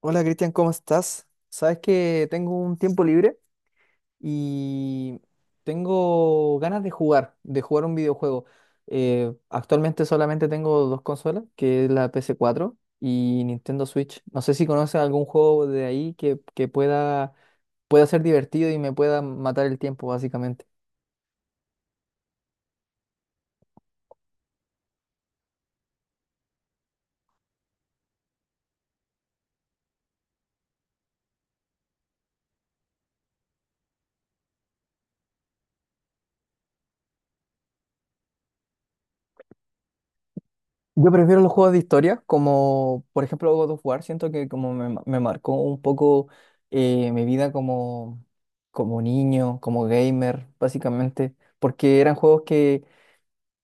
Hola Cristian, ¿cómo estás? Sabes que tengo un tiempo libre y tengo ganas de jugar un videojuego. Actualmente solamente tengo dos consolas, que es la PS4 y Nintendo Switch. No sé si conoces algún juego de ahí que pueda ser divertido y me pueda matar el tiempo, básicamente. Yo prefiero los juegos de historia, como por ejemplo God of War. Siento que como me marcó un poco mi vida como niño, como gamer, básicamente, porque eran juegos que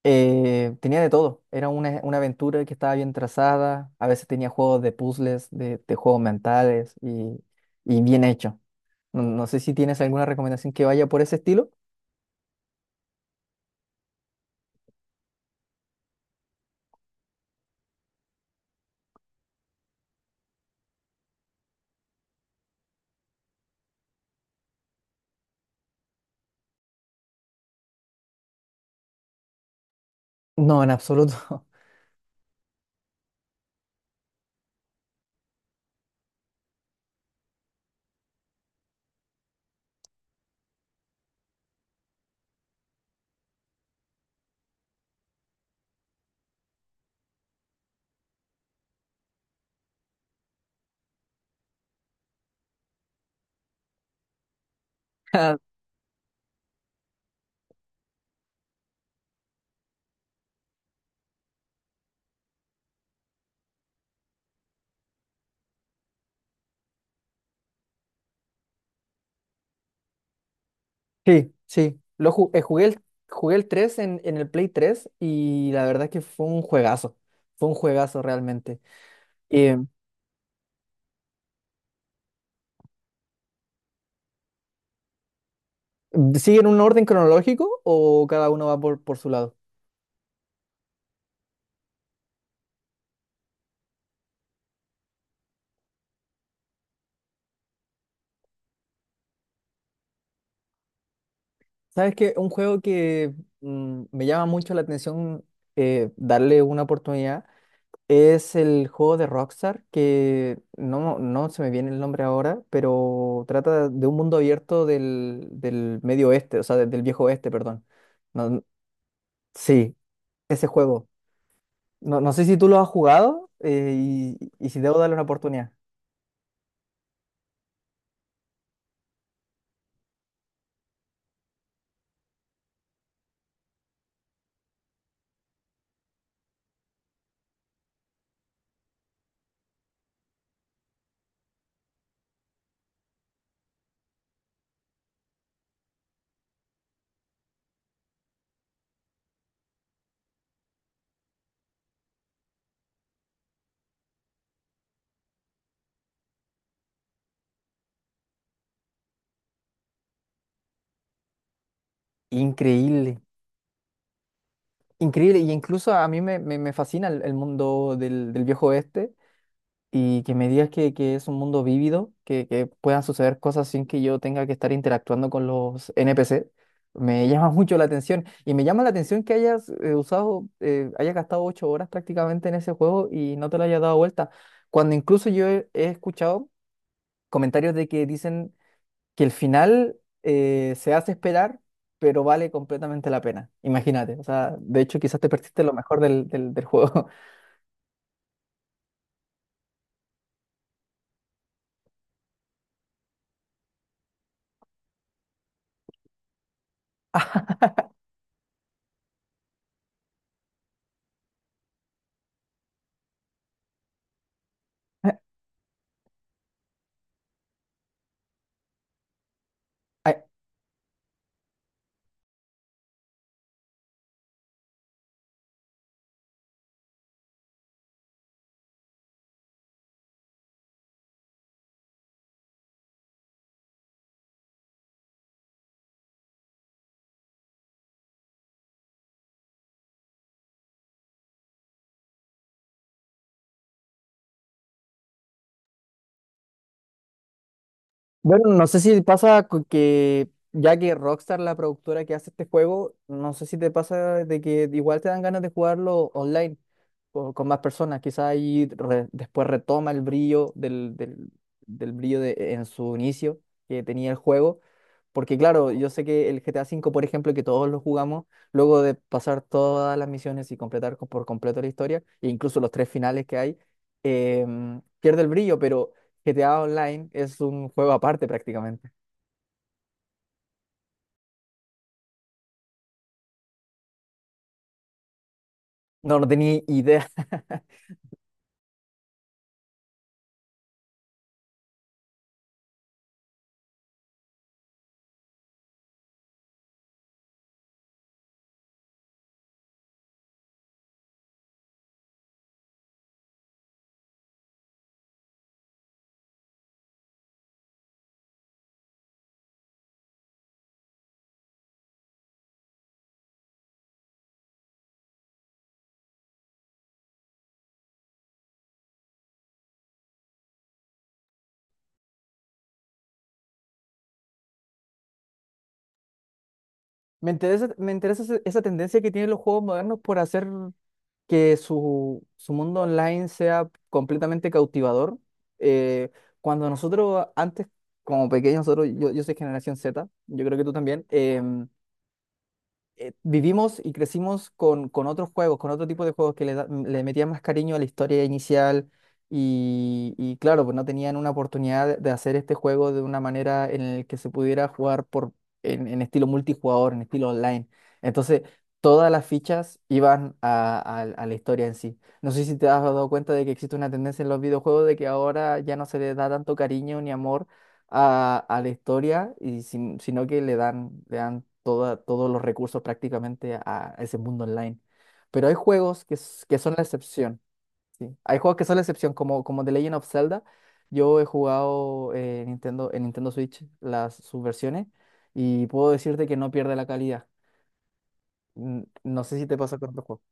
tenía de todo. Era una aventura que estaba bien trazada. A veces tenía juegos de puzzles, de juegos mentales y bien hecho. No, no sé si tienes alguna recomendación que vaya por ese estilo. No, en absoluto. Sí, sí. Lo ju- jugué el 3 en el Play 3 y la verdad es que fue un juegazo. Fue un juegazo realmente. Eh, ¿Siguen un orden cronológico o cada uno va por su lado? ¿Sabes qué? Un juego que me llama mucho la atención darle una oportunidad es el juego de Rockstar, que no, no se me viene el nombre ahora, pero trata de un mundo abierto del medio oeste, o sea, del viejo oeste, perdón. No- sí. Ese juego. No, no sé si tú lo has jugado y si debo darle una oportunidad. Increíble, increíble. Y incluso a mí me fascina el mundo del viejo oeste y que me digas que es un mundo vívido, que puedan suceder cosas sin que yo tenga que estar interactuando con los NPC. Me llama mucho la atención y me llama la atención que hayas gastado 8 horas prácticamente en ese juego y no te lo hayas dado vuelta. Cuando incluso yo he escuchado comentarios de que dicen que el final se hace esperar, pero vale completamente la pena. Imagínate, o sea, de hecho quizás te perdiste lo mejor del juego. Ah, ay, bueno, no sé si pasa que ya que Rockstar, la productora que hace este juego, no sé si te pasa de que igual te dan ganas de jugarlo online o con más personas, quizás ahí después retoma el brillo del brillo en su inicio que tenía el juego. Porque claro, yo sé que el GTA 5, por ejemplo, que todos lo jugamos, luego de pasar todas las misiones y completar por completo la historia, e incluso los tres finales que hay, pierde el brillo, pero GTA Online es un juego aparte prácticamente. No, no tenía idea. Me interesa esa tendencia que tienen los juegos modernos por hacer que su mundo online sea completamente cautivador. Eh, Cuando nosotros antes, como pequeños, yo soy generación Z, yo creo que tú también. Vivimos y crecimos con otros juegos, con otro tipo de juegos que le metían más cariño a la historia inicial y claro, pues no tenían una oportunidad de hacer este juego de una manera en la que se pudiera jugar en estilo multijugador, en estilo online. Entonces, todas las fichas iban a la historia en sí. No sé si te has dado cuenta de que existe una tendencia en los videojuegos de que ahora ya no se les da tanto cariño ni amor a la historia, y sino que le dan todos los recursos prácticamente a ese mundo online. Pero hay juegos que son la excepción, ¿sí? Hay juegos que son la excepción, como The Legend of Zelda. Yo he jugado en Nintendo Switch sus versiones y puedo decirte que no pierde la calidad. No sé si te pasa con otros juegos.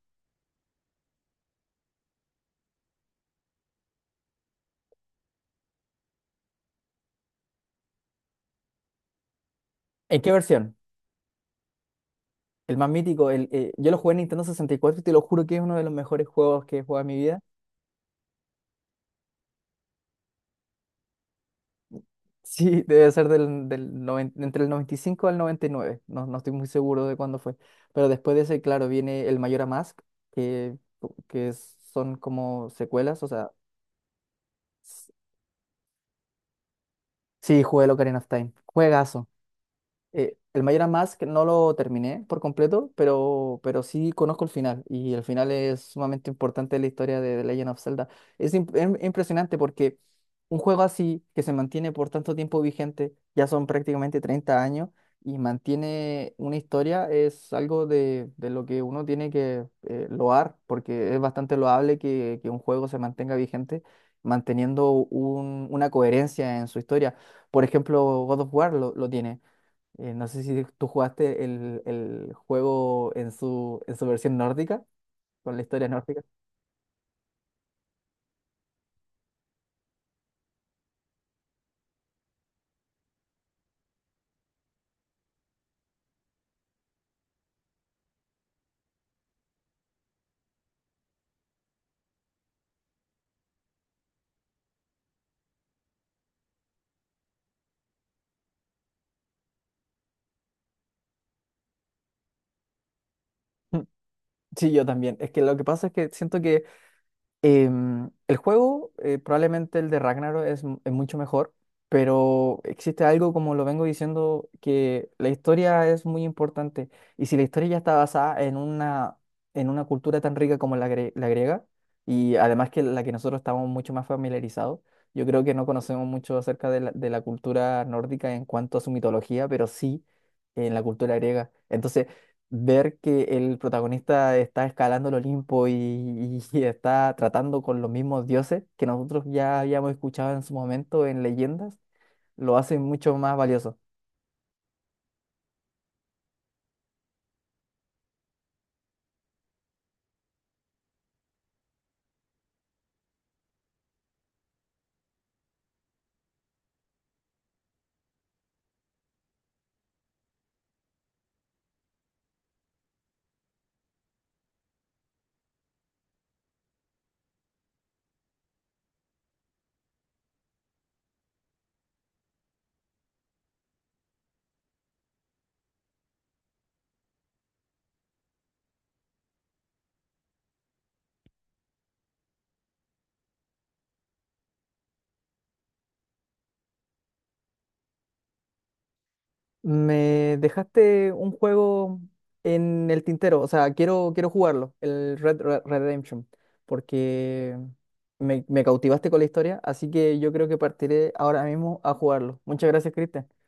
¿En qué versión? El más mítico, yo lo jugué en Nintendo 64 y cuatro y te lo juro que es uno de los mejores juegos que he jugado en mi vida. Sí, debe ser del entre el 95 al noventa y nueve. No, no estoy muy seguro de cuándo fue. Pero después de ese, claro, viene el Mayor Mask, que, que son como secuelas. O sea, s- sí, jugué el Ocarina of Time. Juegazo. El Mayor Mask no lo terminé por completo, pero sí conozco el final. Y el final es sumamente importante en la historia de The Legend of Zelda. Es impresionante porque un juego así, que se mantiene por tanto tiempo vigente, ya son prácticamente 30 años, y mantiene una historia, es algo de lo que uno tiene que loar, porque es bastante loable que un juego se mantenga vigente, manteniendo una coherencia en su historia. Por ejemplo, God of War lo tiene. No sé si tú jugaste el juego en en su versión nórdica, con la historia nórdica. Sí, yo también. Es que lo que pasa es que siento que. El juego, probablemente el de Ragnarok, es mucho mejor, pero existe algo, como lo vengo diciendo, que la historia es muy importante. Y si la historia ya está basada en una cultura tan rica como la griega, y además que la que nosotros estamos mucho más familiarizados, yo creo que no conocemos mucho acerca de la cultura nórdica en cuanto a su mitología, pero sí en la cultura griega. Entonces, ver que el protagonista está escalando el Olimpo y está tratando con los mismos dioses que nosotros ya habíamos escuchado en su momento en leyendas, lo hace mucho más valioso. Me dejaste un juego en el tintero, o sea, quiero jugarlo, el Red Red Redemption, porque me cautivaste con la historia, así que yo creo que partiré ahora mismo a jugarlo. Muchas gracias, Cristian.